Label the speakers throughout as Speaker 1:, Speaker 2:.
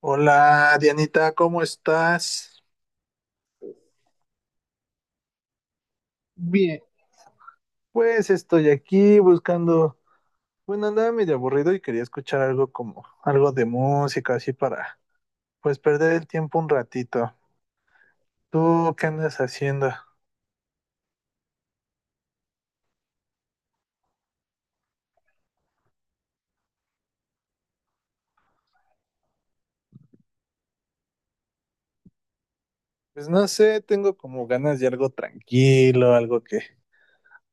Speaker 1: Hola Dianita, ¿cómo estás? Pues estoy aquí buscando, bueno, andaba medio aburrido y quería escuchar algo como, algo de música, así para, pues perder el tiempo un ratito. ¿Tú qué andas haciendo? Pues no sé, tengo como ganas de algo tranquilo, algo que,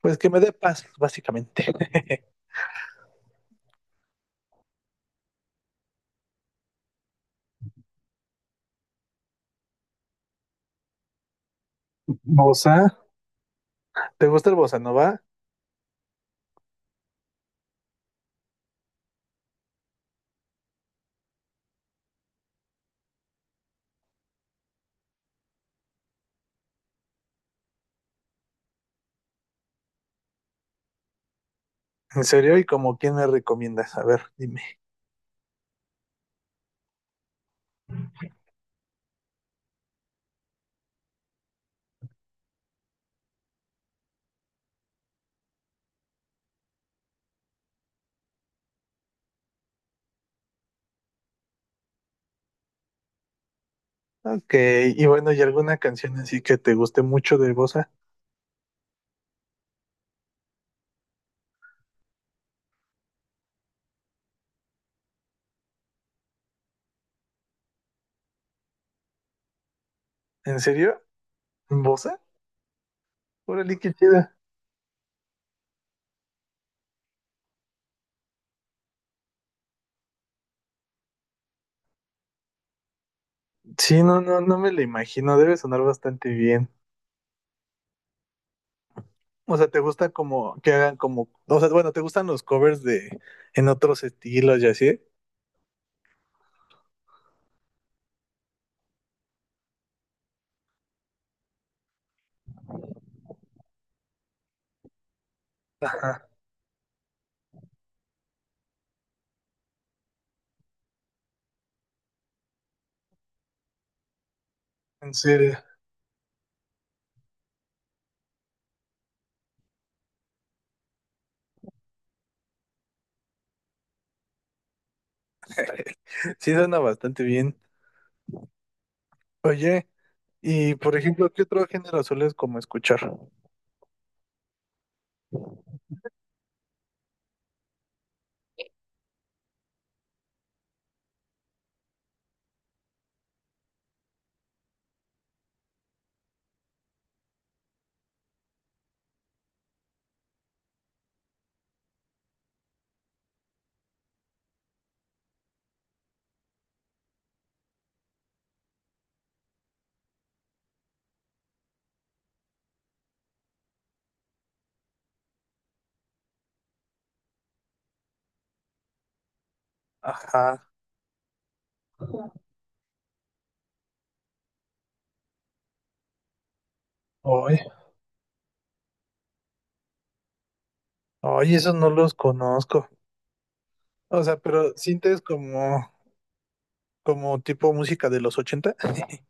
Speaker 1: pues que me dé paz, básicamente. ¿Bosa? ¿Te gusta el bossa nova? ¿En serio? ¿Y como quién me recomiendas? A ver, dime. Ok, y bueno, ¿y alguna canción así que te guste mucho de bossa? ¿En serio? ¿Bosa? Órale, qué chida. Sí, no, no, no me lo imagino. Debe sonar bastante bien. O sea, ¿te gusta como que hagan como, o sea, bueno, ¿te gustan los covers de en otros estilos y así? Ajá, en serio. Sí, suena bastante bien. Oye, y por ejemplo, ¿qué otro género sueles como escuchar? Ajá. Oye, oye, esos no los conozco. O sea, pero ¿sientes como, como tipo música de los 80?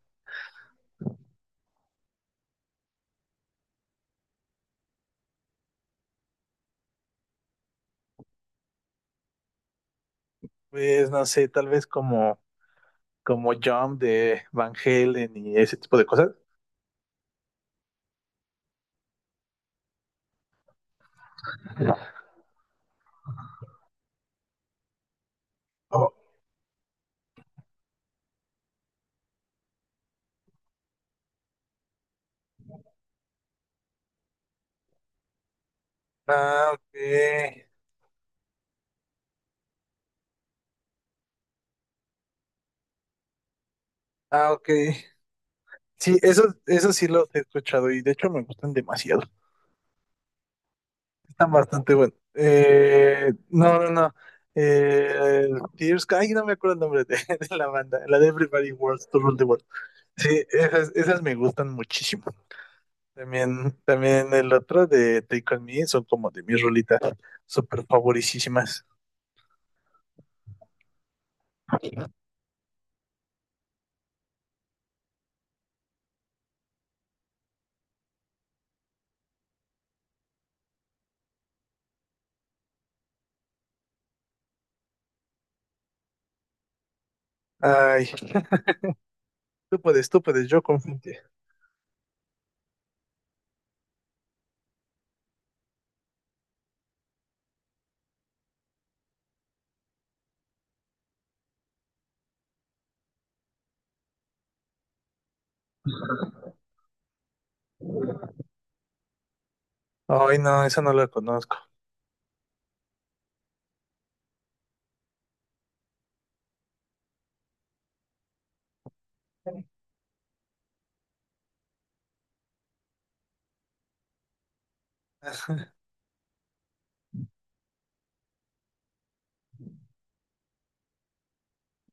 Speaker 1: Pues no sé, tal vez como como Jump de Van Halen y ese tipo de cosas. Oh, ah, ok. Ah, ok. Sí, esos, esos sí los he escuchado y de hecho me gustan demasiado. Están bastante buenos. No. Eh, Tears, ay, no me acuerdo el nombre de, de la banda, la de Everybody Wants to Rule the World. Sí, esas, esas me gustan muchísimo. También, también el otro de Take On Me son como de mis rolitas súper favoricísimas. Ay, tú puedes, yo confío en ti. Ay, no, esa no la conozco.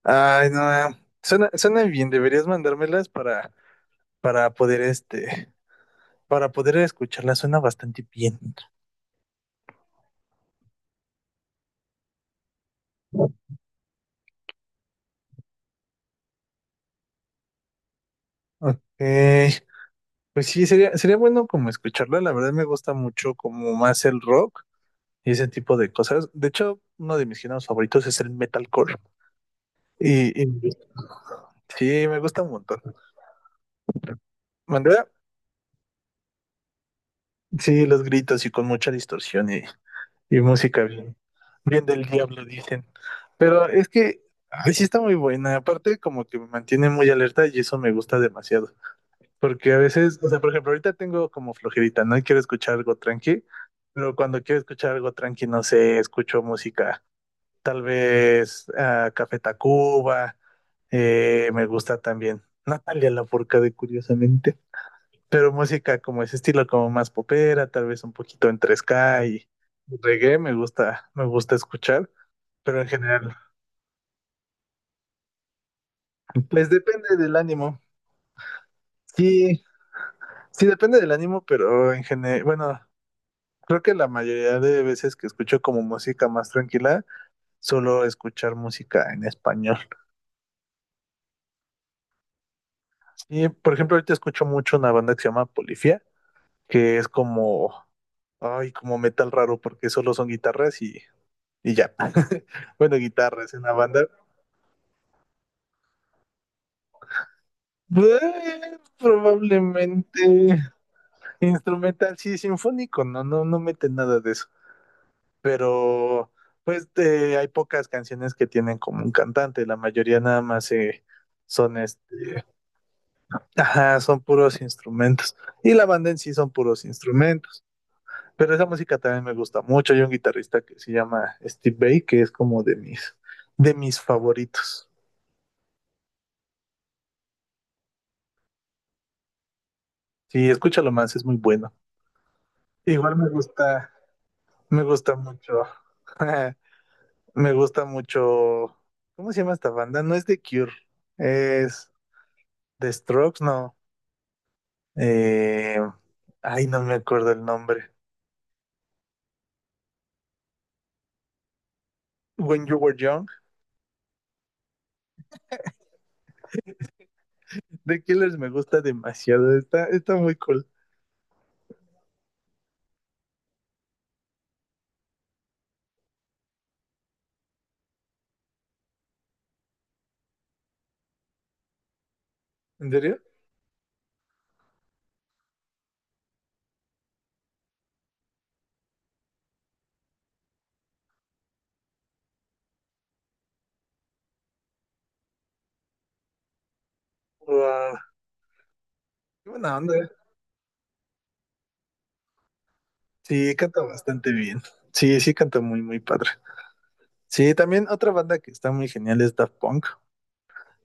Speaker 1: Ay, no, suena, suena bien, deberías mandármelas para poder este, para poder escucharla, suena bastante bien. Ok, pues sí, sería, sería bueno como escucharla, la verdad me gusta mucho como más el rock y ese tipo de cosas. De hecho, uno de mis géneros favoritos es el metalcore. Y sí, me gusta un montón. ¿Mandé? Sí, los gritos y con mucha distorsión y música bien, bien del diablo, dicen. Pero es que, ay, sí está muy buena. Aparte, como que me mantiene muy alerta y eso me gusta demasiado. Porque a veces, o sea, por ejemplo, ahorita tengo como flojerita, ¿no? Y quiero escuchar algo tranqui, pero cuando quiero escuchar algo tranqui, no sé, escucho música. Tal vez Café Tacuba, me gusta también. Natalia Lafourcade, curiosamente pero música como ese estilo, como más popera, tal vez un poquito entre ska y reggae, me gusta escuchar, pero en general, pues depende del ánimo. Sí, sí depende del ánimo, pero en general, bueno, creo que la mayoría de veces que escucho como música más tranquila, solo escuchar música en español. Y por ejemplo, ahorita escucho mucho una banda que se llama Polifia, que es como, ay, como metal raro, porque solo son guitarras y ya. Bueno, guitarras en la banda, Probablemente instrumental, sí, sinfónico, no, no, no mete nada de eso. Pero, pues, hay pocas canciones que tienen como un cantante, la mayoría nada más son este, ajá, son puros instrumentos. Y la banda en sí son puros instrumentos. Pero esa música también me gusta mucho. Hay un guitarrista que se llama Steve Vai, que es como de mis favoritos. Sí, escúchalo más, es muy bueno. Igual me gusta mucho. Me gusta mucho. ¿Cómo se llama esta banda? No es The Cure. Es The Strokes, no. Eh, ay, no me acuerdo el nombre. When You Were Young. The Killers me gusta demasiado. Está, está muy cool. ¿En serio? Wow. Qué buena onda. Sí, canta bastante bien. Sí, sí, canta muy, muy padre. Sí, también otra banda que está muy genial es Daft Punk.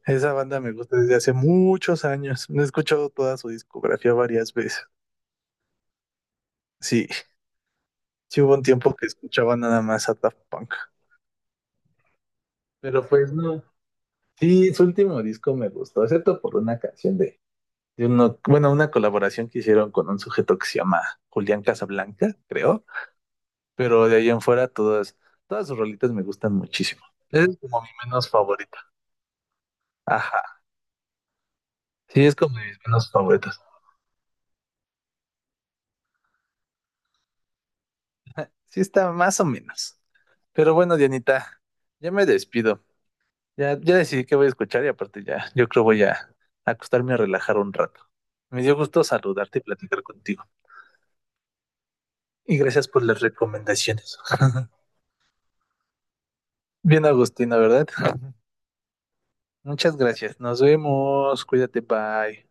Speaker 1: Esa banda me gusta desde hace muchos años. He escuchado toda su discografía varias veces. Sí. Sí hubo un tiempo que escuchaba nada más a Daft Punk. Pero pues no. Sí, su último disco me gustó, excepto por una canción de uno, bueno, una colaboración que hicieron con un sujeto que se llama Julián Casablanca, creo. Pero de ahí en fuera todas, todas sus rolitas me gustan muchísimo. Es como mi menos favorita. Ajá. Sí, es como de mis menos favoritas. Sí está más o menos. Pero bueno, Dianita, ya me despido. Ya, ya decidí que voy a escuchar y aparte ya, yo creo voy a acostarme a relajar un rato. Me dio gusto saludarte y platicar contigo. Y gracias por las recomendaciones. Bien, Agustina, ¿verdad? Muchas gracias. Nos vemos. Cuídate, bye.